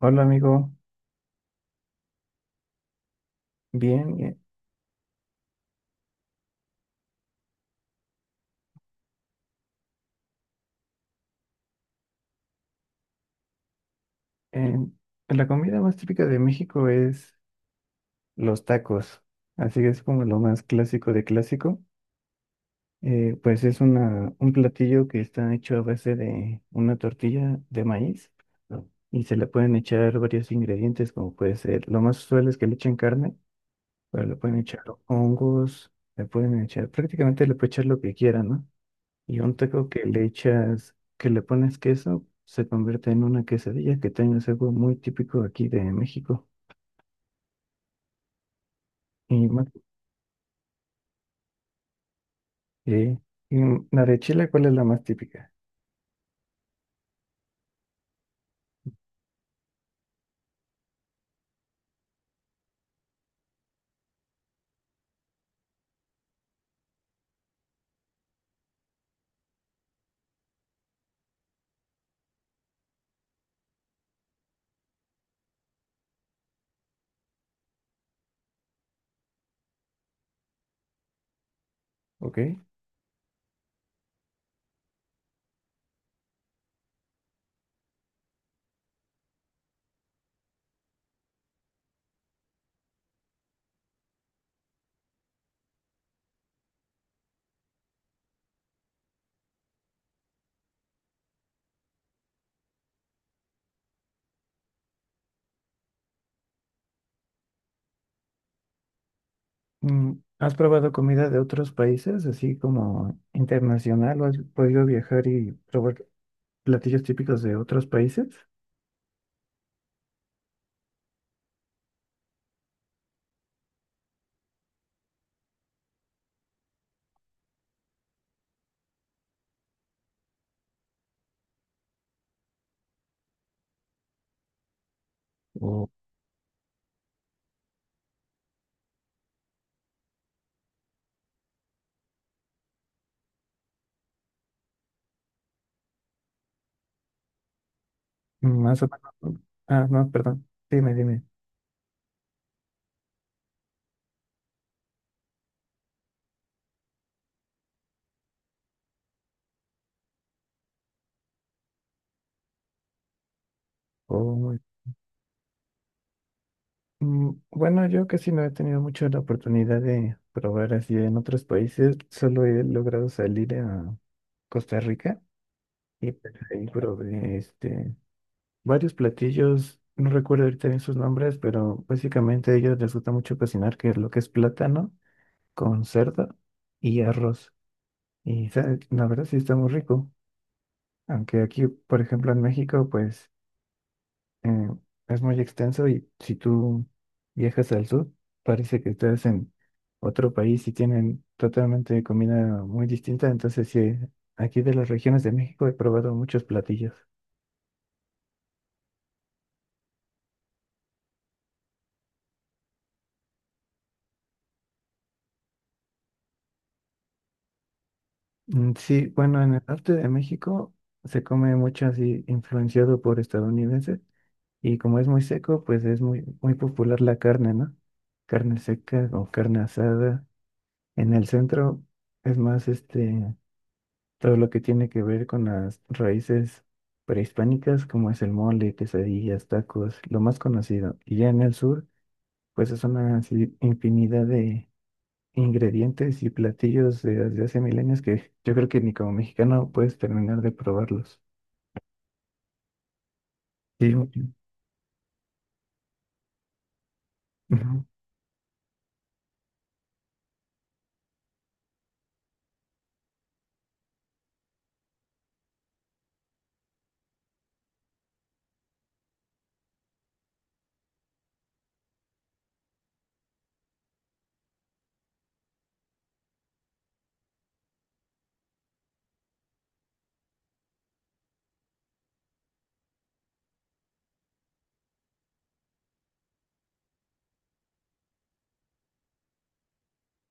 Hola amigo, bien. Em, la comida más típica de México es los tacos, así que es como lo más clásico de clásico. Pues es un platillo que está hecho a base de una tortilla de maíz y se le pueden echar varios ingredientes, como puede ser, lo más usual es que le echen carne, pero le pueden echar hongos, le pueden echar, prácticamente le pueden echar lo que quieran, ¿no? Y un taco que le echas, que le pones queso, se convierte en una quesadilla, que también es algo muy típico aquí de México. Y, ma- eh, la de Chile, ¿cuál es la más típica? ¿Ok? Mm, ¿has probado comida de otros países, así como internacional, o has podido viajar y probar platillos típicos de otros países? O mm, más o menos, ¿no? Ah, no, perdón. Dime, dime. Mm, bueno, yo casi no he tenido mucho la oportunidad de probar así en otros países. Solo he logrado salir a Costa Rica y pues, ahí probé varios platillos. No recuerdo ahorita bien sus nombres, pero básicamente a ellos les gusta mucho cocinar, que es lo que es plátano con cerdo y arroz. La verdad sí está muy rico. Aunque aquí, por ejemplo, en México, pues eh, es muy extenso y si tú viajas al sur, parece que estás en otro país y tienen totalmente comida muy distinta. Entonces, sí, aquí de las regiones de México he probado muchos platillos. Mm, sí, bueno, en el norte de México se come mucho así influenciado por estadounidenses y como es muy seco, pues es muy popular la carne, ¿no? Carne seca o carne asada. En el centro es más este... todo lo que tiene que ver con las raíces prehispánicas, como es el mole, quesadillas, tacos, lo más conocido. Y ya en el sur, pues es una así infinidad de ingredientes y platillos desde hace milenios que yo creo que ni como mexicano puedes terminar de probarlos. Sí, ok. Ujú,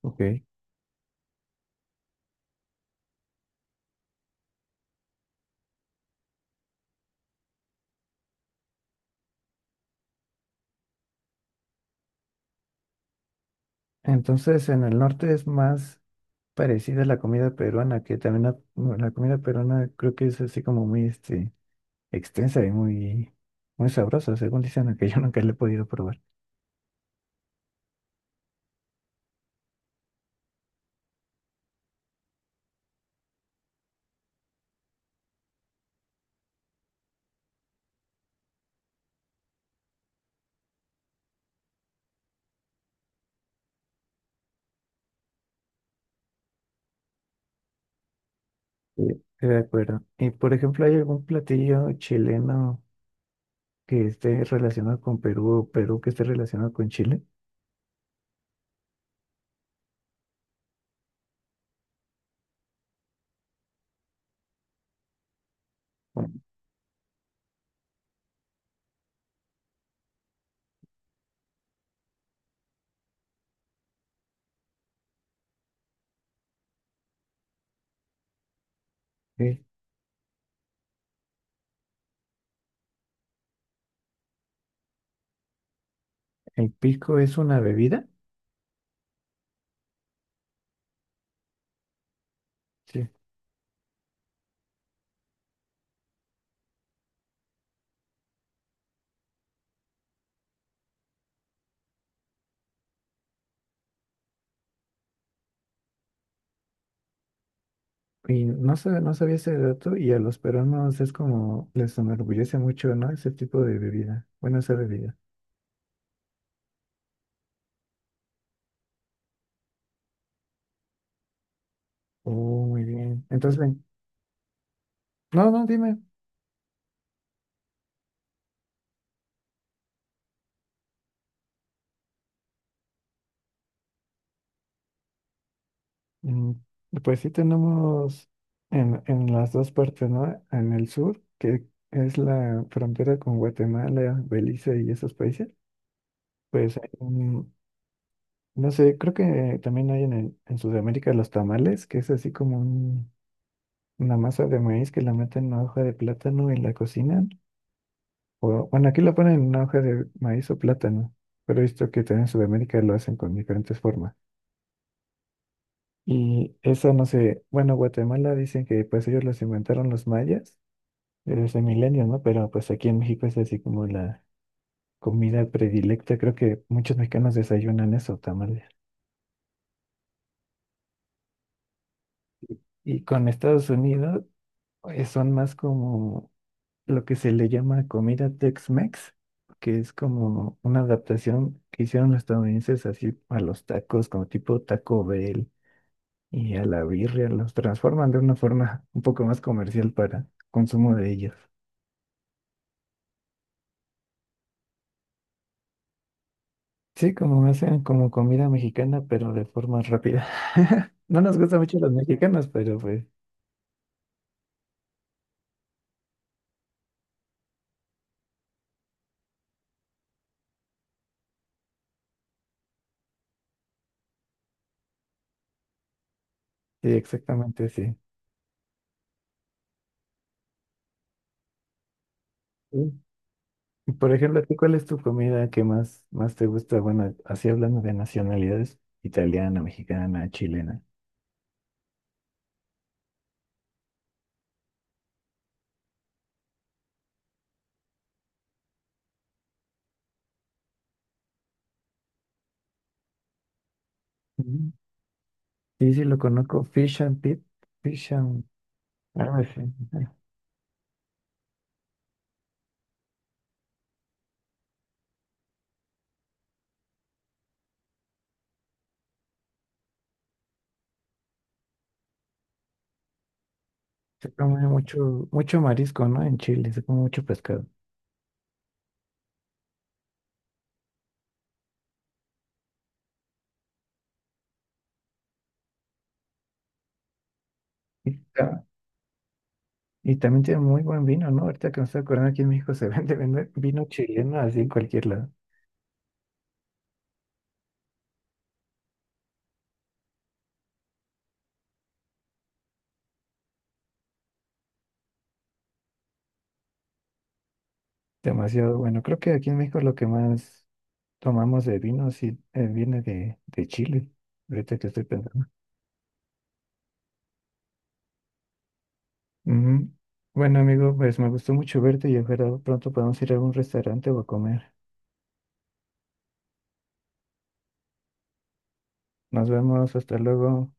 ok. Entonces, en el norte es más parecida a la comida peruana, que también la comida peruana creo que es así como extensa y muy sabrosa, según dicen, aunque yo nunca la he podido probar. Sí. De acuerdo. Y por ejemplo, ¿hay algún platillo chileno que esté relacionado con Perú o Perú que esté relacionado con Chile? Sí. El pisco es una bebida. Sí. Y no sabía ese dato y a los peruanos es como les enorgullece mucho, ¿no? Ese tipo de bebida. Bueno, esa bebida. Oh, muy bien. Entonces, ven. No, no, dime. Mm, pues sí tenemos en las dos partes, ¿no? En el sur, que es la frontera con Guatemala, Belice y esos países, pues hay un- no sé, creo que también hay en Sudamérica los tamales, que es así como un- una masa de maíz que la meten en una hoja de plátano y la cocinan. O, bueno, aquí la ponen en una hoja de maíz o plátano, pero he visto que también en Sudamérica lo hacen con diferentes formas. Y eso no sé, bueno, Guatemala dicen que pues ellos los inventaron los mayas eres de milenios, ¿no? Pero pues aquí en México es así como la comida predilecta. Creo que muchos mexicanos desayunan eso, tamales. Y con Estados Unidos son más como lo que se le llama comida Tex-Mex, que es como una adaptación que hicieron los estadounidenses así a los tacos, como tipo Taco Bell y a la birria. Los transforman de una forma un poco más comercial para consumo de ellos. Sí, como hacen como comida mexicana, pero de forma rápida. No nos gustan mucho los mexicanos, pero pues sí, exactamente sí. Sí. Y por ejemplo, ¿a ti cuál es tu comida que más te gusta? Bueno, así hablando de nacionalidades, italiana, mexicana, chilena. Ujú. Sí, sí, lo conozco, fish and pit, fish and... algo así. Ajá. Se come mucho marisco, ¿no? En Chile, se come mucho pescado. Sí. Y también tiene muy buen vino, ¿no? Ahorita que me estoy acordando, aquí en México se vende vino chileno así en cualquier lado. Demasiado bueno. Creo que aquí en México lo que más tomamos de vino sí viene de Chile. Ahorita que estoy pensando. Ujú. Bueno, amigo, pues me gustó mucho verte y ojalá pronto podamos ir a algún restaurante o a comer. Nos vemos, hasta luego.